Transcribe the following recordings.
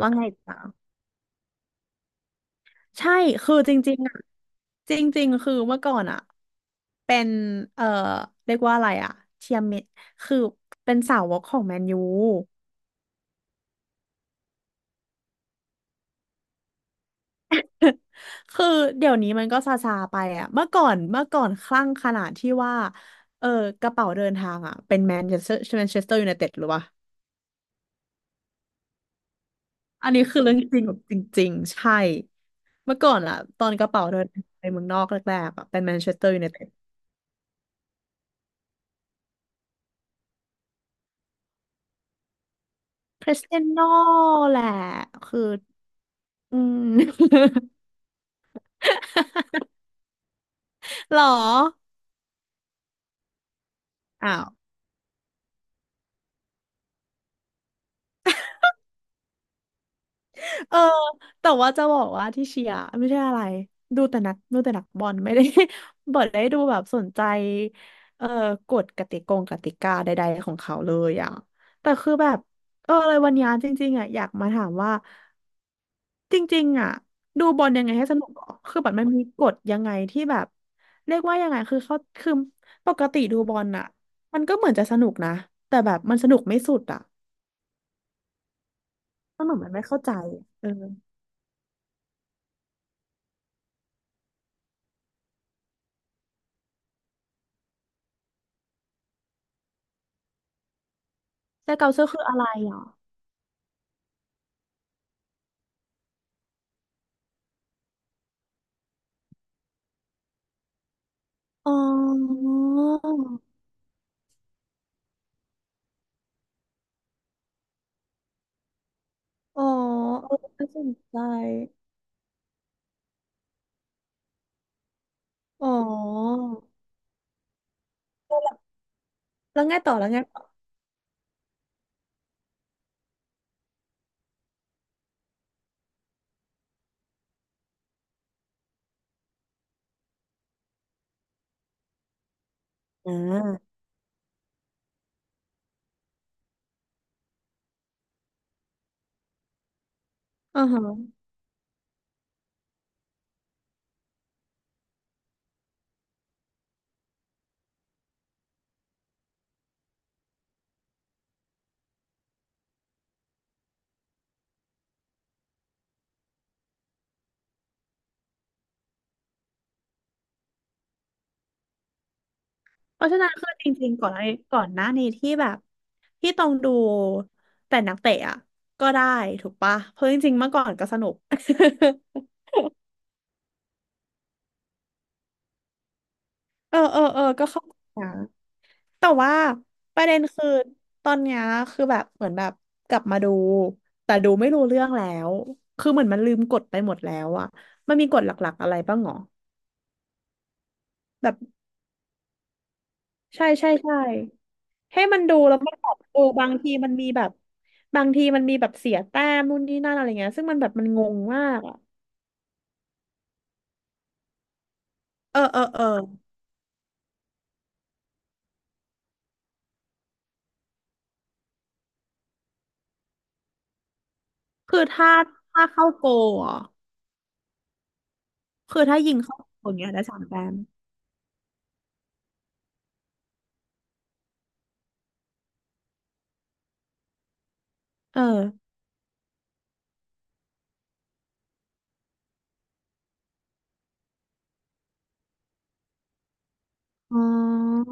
ว่าไงจ๊ะใช่คือจริงๆอ่ะจริงๆคือเมื่อก่อนอ่ะเป็นเอ่อเรียกว่าอะไรอ่ะเชียร์เมคือเป็นสาวกของแมนยูคือเดี๋ยวนี้มันก็ซาซาไปอ่ะเมื่อก่อนคลั่งขนาดที่ว่าเออกระเป๋าเดินทางอ่ะเป็นแมนเชสเตอร์แมนเชสเตอร์ยูไนเต็ดหรือวะอันนี้คือเรื่องจริงแบบจริงๆใช่เมื่อก่อนอ่ะตอนกระเป๋าเดินทางไปเมืองนอกแรกๆอ่ะเป็นแมนเชสเตอร์ยูไนเต็ดคริสเตียโน่แหละคือ อืม หรออ้าวเออแต่ว่าจะบอกว่าที่เชียร์ไม่ใช่อะไรดูแต่นักบอลไม่ได้ บอดได้ดูแบบสนใจเออกฎกติกงกติกาใดๆของเขาเลยอ่ะแต่คือแบบเอออะไรวันนี้จริงๆอ่ะอยากมาถามว่าจริงๆอ่ะดูบอลยังไงให้สนุกหรอคือแบอมันมีกฎยังไงที่แบบเรียกว่ายังไงคือเขาคือปกติดูบอลอ่ะมันก็เหมือนจะสนุกนะแต่แบบมันสนุกไม่สุดอ่ะ ก้วหนูมันไม่เข้าใจอะเออแซเกาเซอร์คืออะไรอ่ะอ๋อ อ๋อเออน่าสนใจ อ๋อ แล้วไงต่อ แล้วไงต่ออ่าอืาฮะเพราะฉะนั้นคือจริงๆก่อนไอ้ก่อนหน้านี้ที่แบบที่ต้องดูแต่นักเตะอ่ะก็ได้ถูกปะ เพราะจริงๆเมื่อก่อนก็สนุก เออก็เข้าใจนะ แต่ว่าประเด็นคือตอนเนี้ยคือแบบเหมือนแบบกลับมาดูแต่ดูไม่รู้เรื่องแล้วคือเหมือนมันลืมกฎไปหมดแล้วอะมันมีกฎหลักๆอะไรบ้างหรอแบบใช่ให้มันดูแล้วมันแบบเออบางทีมันมีแบบบางทีมันมีแบบเสียแต้มนู่นนี่นั่นอะไรเงี้ยซึ่งมันแบบมันงงมากอะเออคือถ้าเข้าโกลเหรอคือถ้ายิงเข้าโกลอย่างเงี้ยได้สามแต้มเอออ๋อ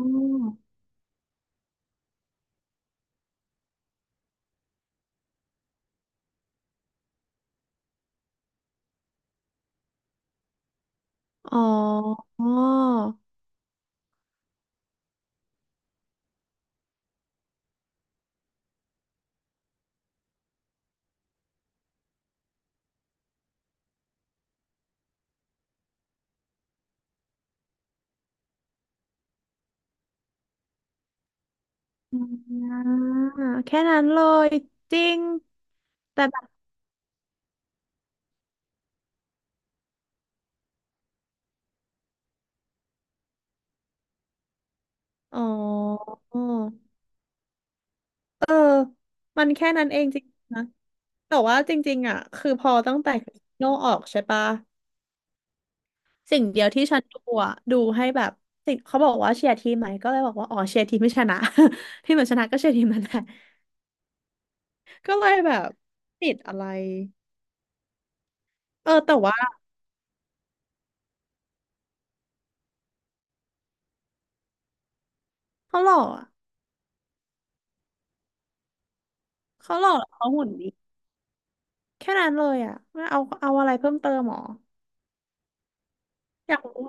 อ๋อ อ่าแค่นั้นเลยจริงแต่แบบอ๋อเออมันแค่นั้นเองจริงนะแต่ว่าจริงๆอ่ะคือพอตั้งแต่คริสโนออกใช่ปะสิ่งเดียวที่ฉันดูอ่ะดูให้แบบสิ่งเขาบอกว่าเชียร์ทีมไหมก็เลยบอกว่าอ๋อเชียร์ทีมไม่ชนะ ที่เหมือนชนะก็เชียร์ทีมนั่นแหละก็เลยแบบติดอะไรเออแต่ว่าเขาหล่ออะเขาหล่อเขาหุ่นดีแค่นั้นเลยอ่ะไม่เอาเอาอะไรเพิ่มเติมหรออยากรู้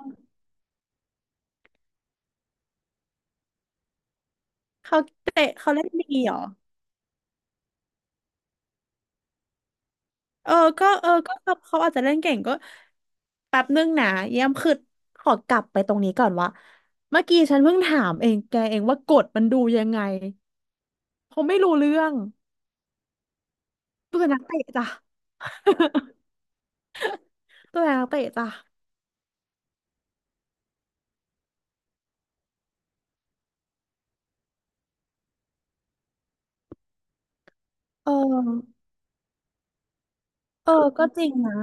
เขาเตะเขาเล่นดีเหรอเออก็เขาอาจจะเล่นเก่งก็แป๊บนึงนะเยี่ยมคือขอกลับไปตรงนี้ก่อนว่าเมื่อกี้ฉันเพิ่งถามเองแกเองว่ากฎมันดูยังไงเขาไม่รู้เรื่องตัวนักเตะจ้ะ ตัวนักเตะจ้ะเออเออก็จริงนะ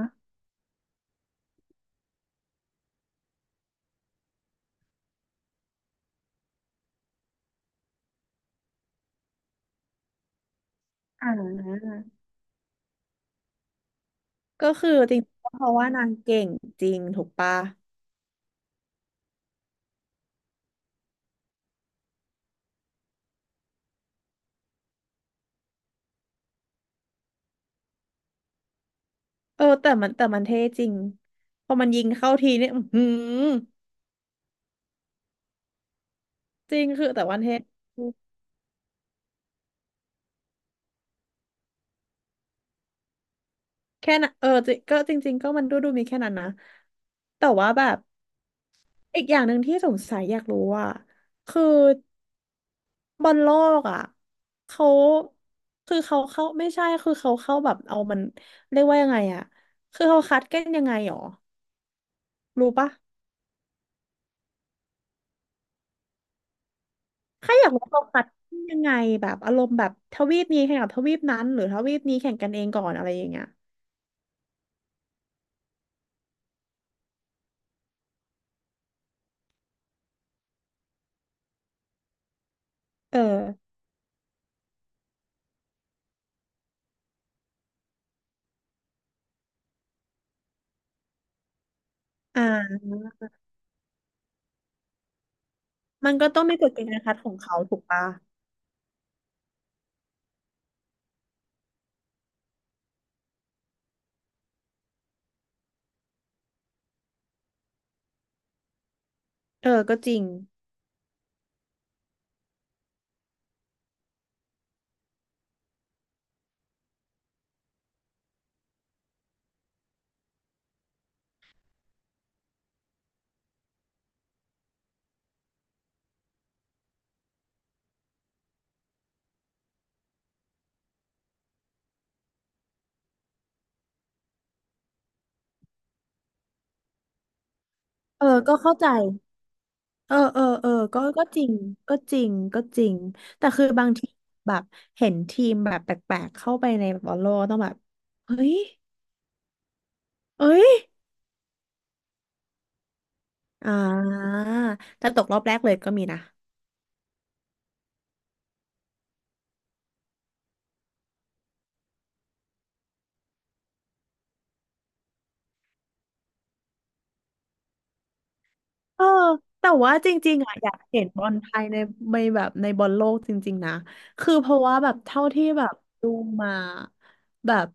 อ่าก็คือจริงเพราะว่านางเก่งจริงถูกปะเออแต่มันเท่จริงพอมันยิงเข้าทีเนี่ยอือหือจริงคือแต่วันเท่ แค่นั้นเออจริก็จริงๆก็มันดูมีแค่นั้นนะแต่ว่าแบบอีกอย่างหนึ่งที่สงสัยอยากรู้ว่าคือบอลโลกอ่ะเขาคือเขาเข้าไม่ใช่คือเขาเข้าแบบเอามันเรียกว่ายังไงอ่ะคือเขาคัดกันยังไงหรอรู้ปะแค่อยากรู้เขาคัดยังไงแบบอารมณ์แบบทวีปนี้แข่งกับทวีปนั้นหรือทวีปนี้แข่งกันเองก่อนอะไรอย่างเงี้ยเอออ่ามันก็ต้องมีกฎเกณฑ์การคัดของเขาถูกปะเออก็จริงเออก็เข้าใจ เออก็ก็จริงก็จริงแต่คือบางทีแบบเห็นทีมแบบแปลกๆเข้าไปในบบอลโลกต้องแบบเฮ้ยเอ้ยอ่าแต่ตกรอบแรกเลยก็มีนะ เออแต่ว่าจริงๆอ่ะ อยากเห็นบอลไทยในในแบบในบอลโลกจริงๆนะคือเพราะว่าแบบเท่าที่แบบดูมาแบบ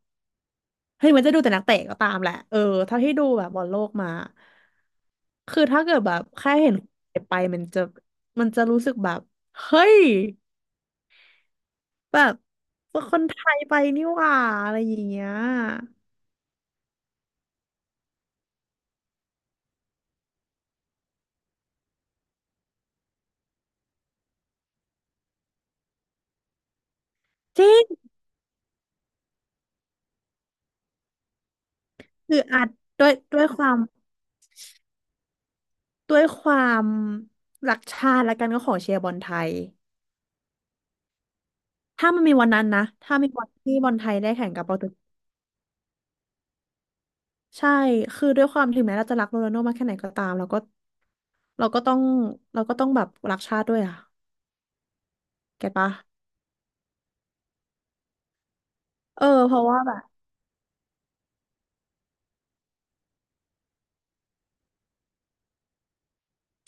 เฮ้ยมันจะดูแต่นักเตะก็ตามแหละเออเท่าที่ดูแบบบอลโลกมาคือถ้าเกิดแบบแค่เห็นไปมันจะรู้สึกแบบเฮ้ยแบบคนไทยไปนี่หว่าอะไรอย่างเงี้ยจริงคืออาจด้วยด้วยความด้วยความรักชาติแล้วกันก็ขอเชียร์บอลไทย ถ้ามันมีวันนั้นนะ ถ้ามีวันที่บอลไทยได้แข่งกับโปรตุเกสใช่ คือด้วยความถึงแม้เราจะรักโรนัลโดมากแค่ไหนก็ตามเราก็เราก็ต้องเราก็ต้องแบบรักชาติด้วยอ่ะเก็ตปะ เออเพราะว่าแบบ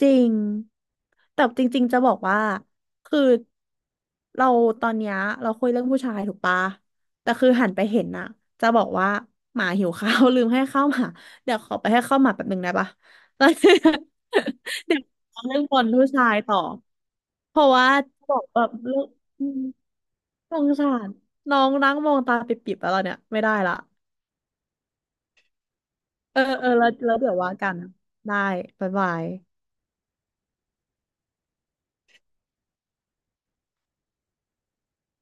จริงแต่จริงๆจะบอกว่าคือเราตอนเนี้ยเราคุยเรื่องผู้ชายถูกปะแต่คือหันไปเห็นน่ะจะบอกว่าหมาหิวข้าว ลืมให้ข้าวหมาเดี๋ยวขอไปให้ข้าวหมาแป๊บหนึ่งได้ปะแล้ว เดี๋ยวเอาเรื่องบอลผู้ชายต่อเพราะว่าบอกแบบเรื่องอืมสงสารน้องนั่งมองตาปิบๆแล้วเราเนี่ยไม่ได้ละเออแล้วเดี๋ยวว่ากันได้บ๊ายบาย